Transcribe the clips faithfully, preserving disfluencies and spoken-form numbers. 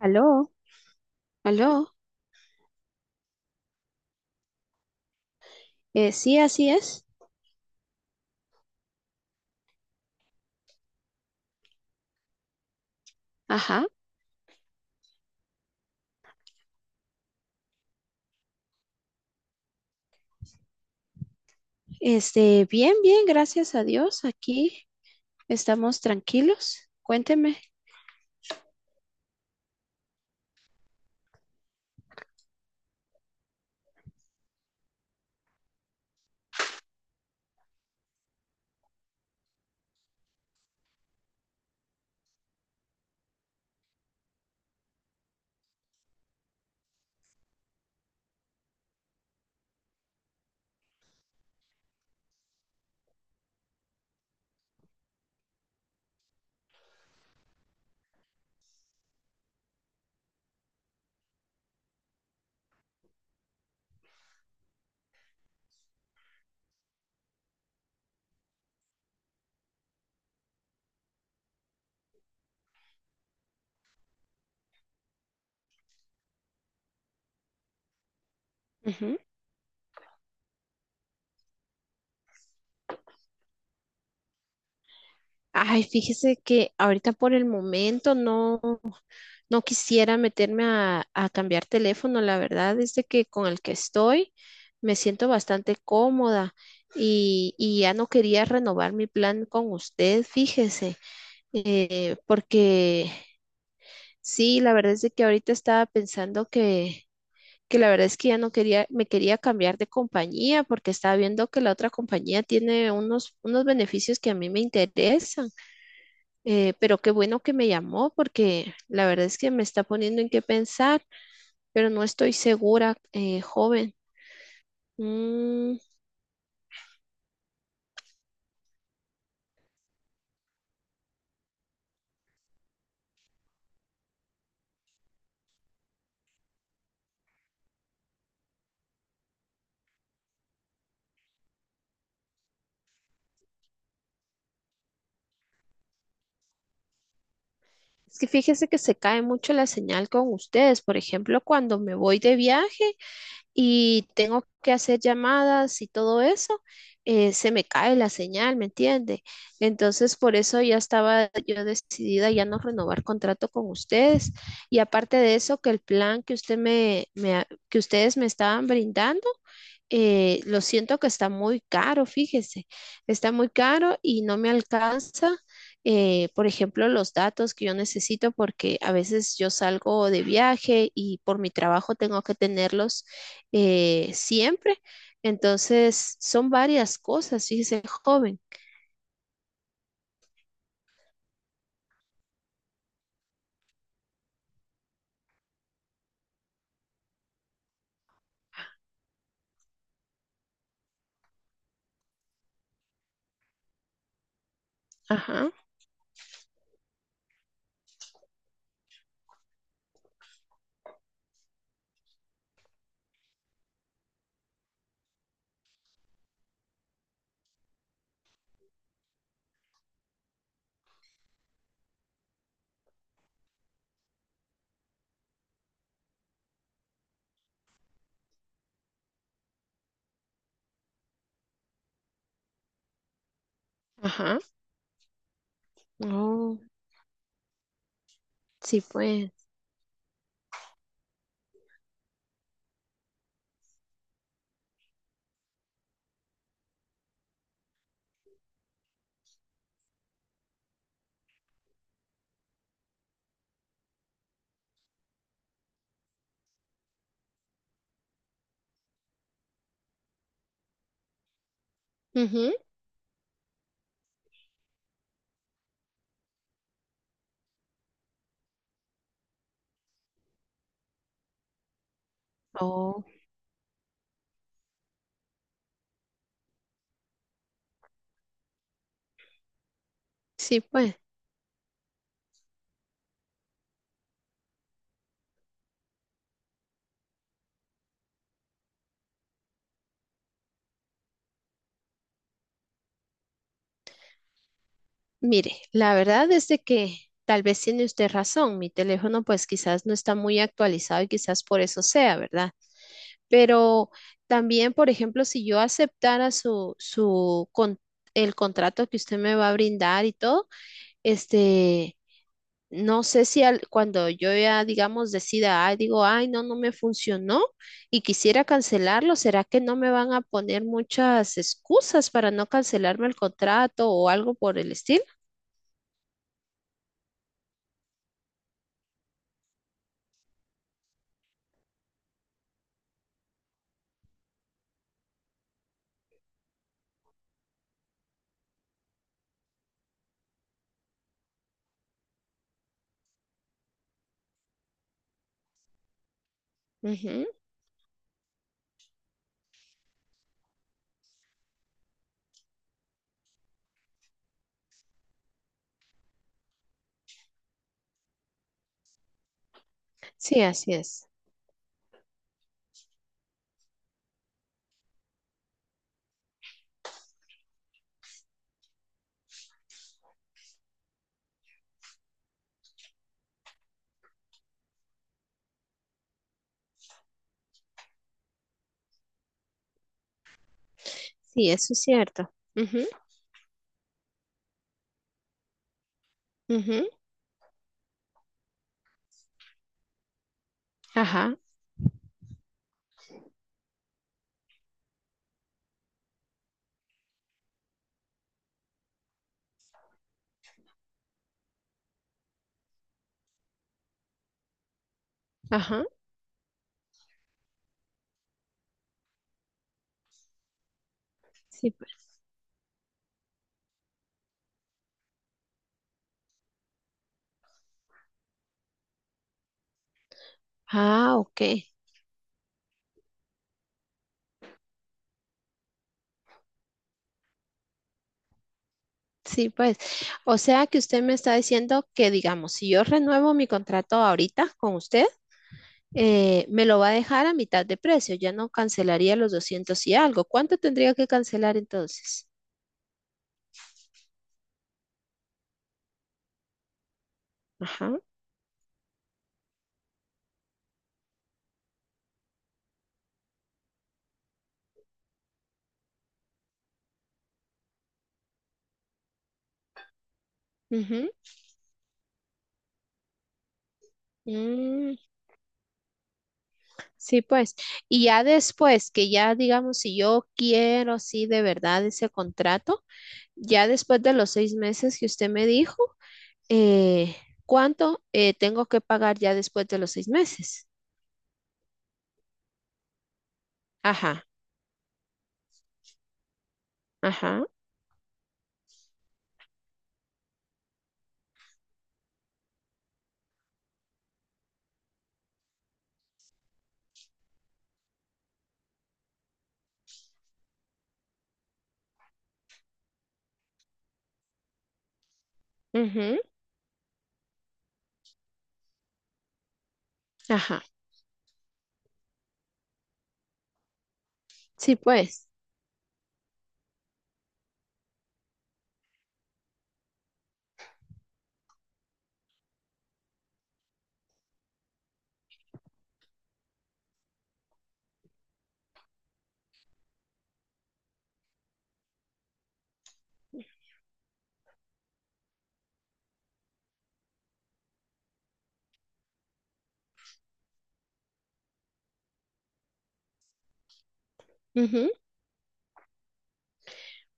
Aló, aló. Eh, sí, así es. Ajá. Este, bien, bien, gracias a Dios. Aquí estamos tranquilos. Cuénteme. Ujú. Ay, fíjese que ahorita por el momento no, no quisiera meterme a, a cambiar teléfono. La verdad es de que con el que estoy me siento bastante cómoda y, y ya no quería renovar mi plan con usted, fíjese. Eh, porque sí, la verdad es de que ahorita estaba pensando que que la verdad es que ya no quería, me quería cambiar de compañía porque estaba viendo que la otra compañía tiene unos, unos beneficios que a mí me interesan. Eh, pero qué bueno que me llamó porque la verdad es que me está poniendo en qué pensar, pero no estoy segura, eh, joven. Mm, es que fíjese que se cae mucho la señal con ustedes. Por ejemplo, cuando me voy de viaje, y tengo que hacer llamadas y todo eso, eh, se me cae la señal, ¿me entiende? Entonces, por eso ya estaba yo decidida ya no renovar contrato con ustedes. Y aparte de eso, que el plan que usted me, me ha- que ustedes me estaban brindando eh, lo siento que está muy caro, fíjese, está muy caro y no me alcanza, eh, por ejemplo, los datos que yo necesito porque a veces yo salgo de viaje y por mi trabajo tengo que tenerlos eh, siempre. Entonces, son varias cosas, fíjese, joven. Ajá, ajá. Oh, sí, pues. Ujú. Oh, sí, pues. Mire, la verdad es de que tal vez tiene usted razón, mi teléfono pues quizás no está muy actualizado y quizás por eso sea, ¿verdad? Pero también, por ejemplo, si yo aceptara su, su con- el contrato que usted me va a brindar y todo, este, no sé si al- cuando yo ya, digamos, decida, ay, digo, ay, no, no me funcionó y quisiera cancelarlo, ¿será que no me van a poner muchas excusas para no cancelarme el contrato o algo por el estilo? Ujú. Sí, así es. Sí, eso es cierto. Ujú, ujú, ajá, ajá. Sí, pues. Ah, ok. Sí, pues. O sea que usted me está diciendo que, digamos, si yo renuevo mi contrato ahorita con usted, eh, me lo va a dejar a mitad de precio. Ya no cancelaría los doscientos y algo. ¿Cuánto tendría que cancelar entonces? Ajá. Ujú, mm, sí, pues. Y ya después, que ya, digamos, si yo quiero, sí, de verdad ese contrato. Ya después de los seis meses que usted me dijo, eh, ¿cuánto eh, tengo que pagar ya después de los seis meses? Ajá, ajá, ujú, ajá. Sí, pues. Ujú.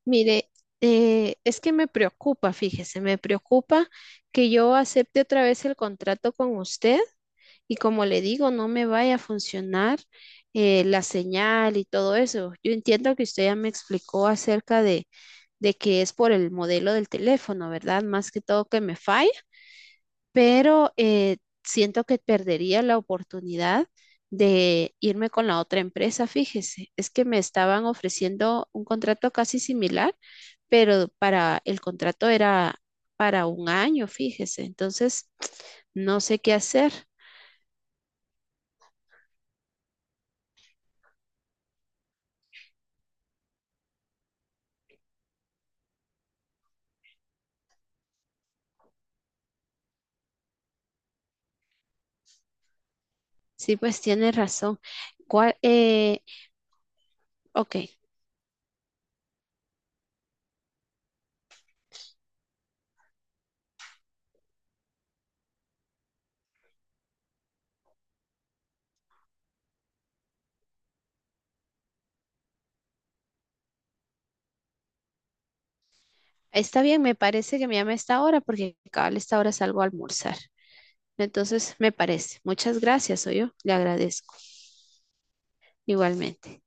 Mire, eh, es que me preocupa, fíjese, me preocupa que yo acepte otra vez el contrato con usted y como le digo, no me vaya a funcionar eh, la señal y todo eso. Yo entiendo que usted ya me explicó acerca de de que es por el modelo del teléfono, ¿verdad? Más que todo que me falla, pero eh, siento que perdería la oportunidad de irme con la otra empresa, fíjese, es que me estaban ofreciendo un contrato casi similar, pero para el contrato era para un año, fíjese, entonces no sé qué hacer. Sí, pues tiene razón. ¿Cuál? Eh, ok, está bien, me parece que me llame a esta hora porque cabal a esta hora salgo a almorzar. Entonces, me parece. Muchas gracias, soy yo. Le agradezco igualmente.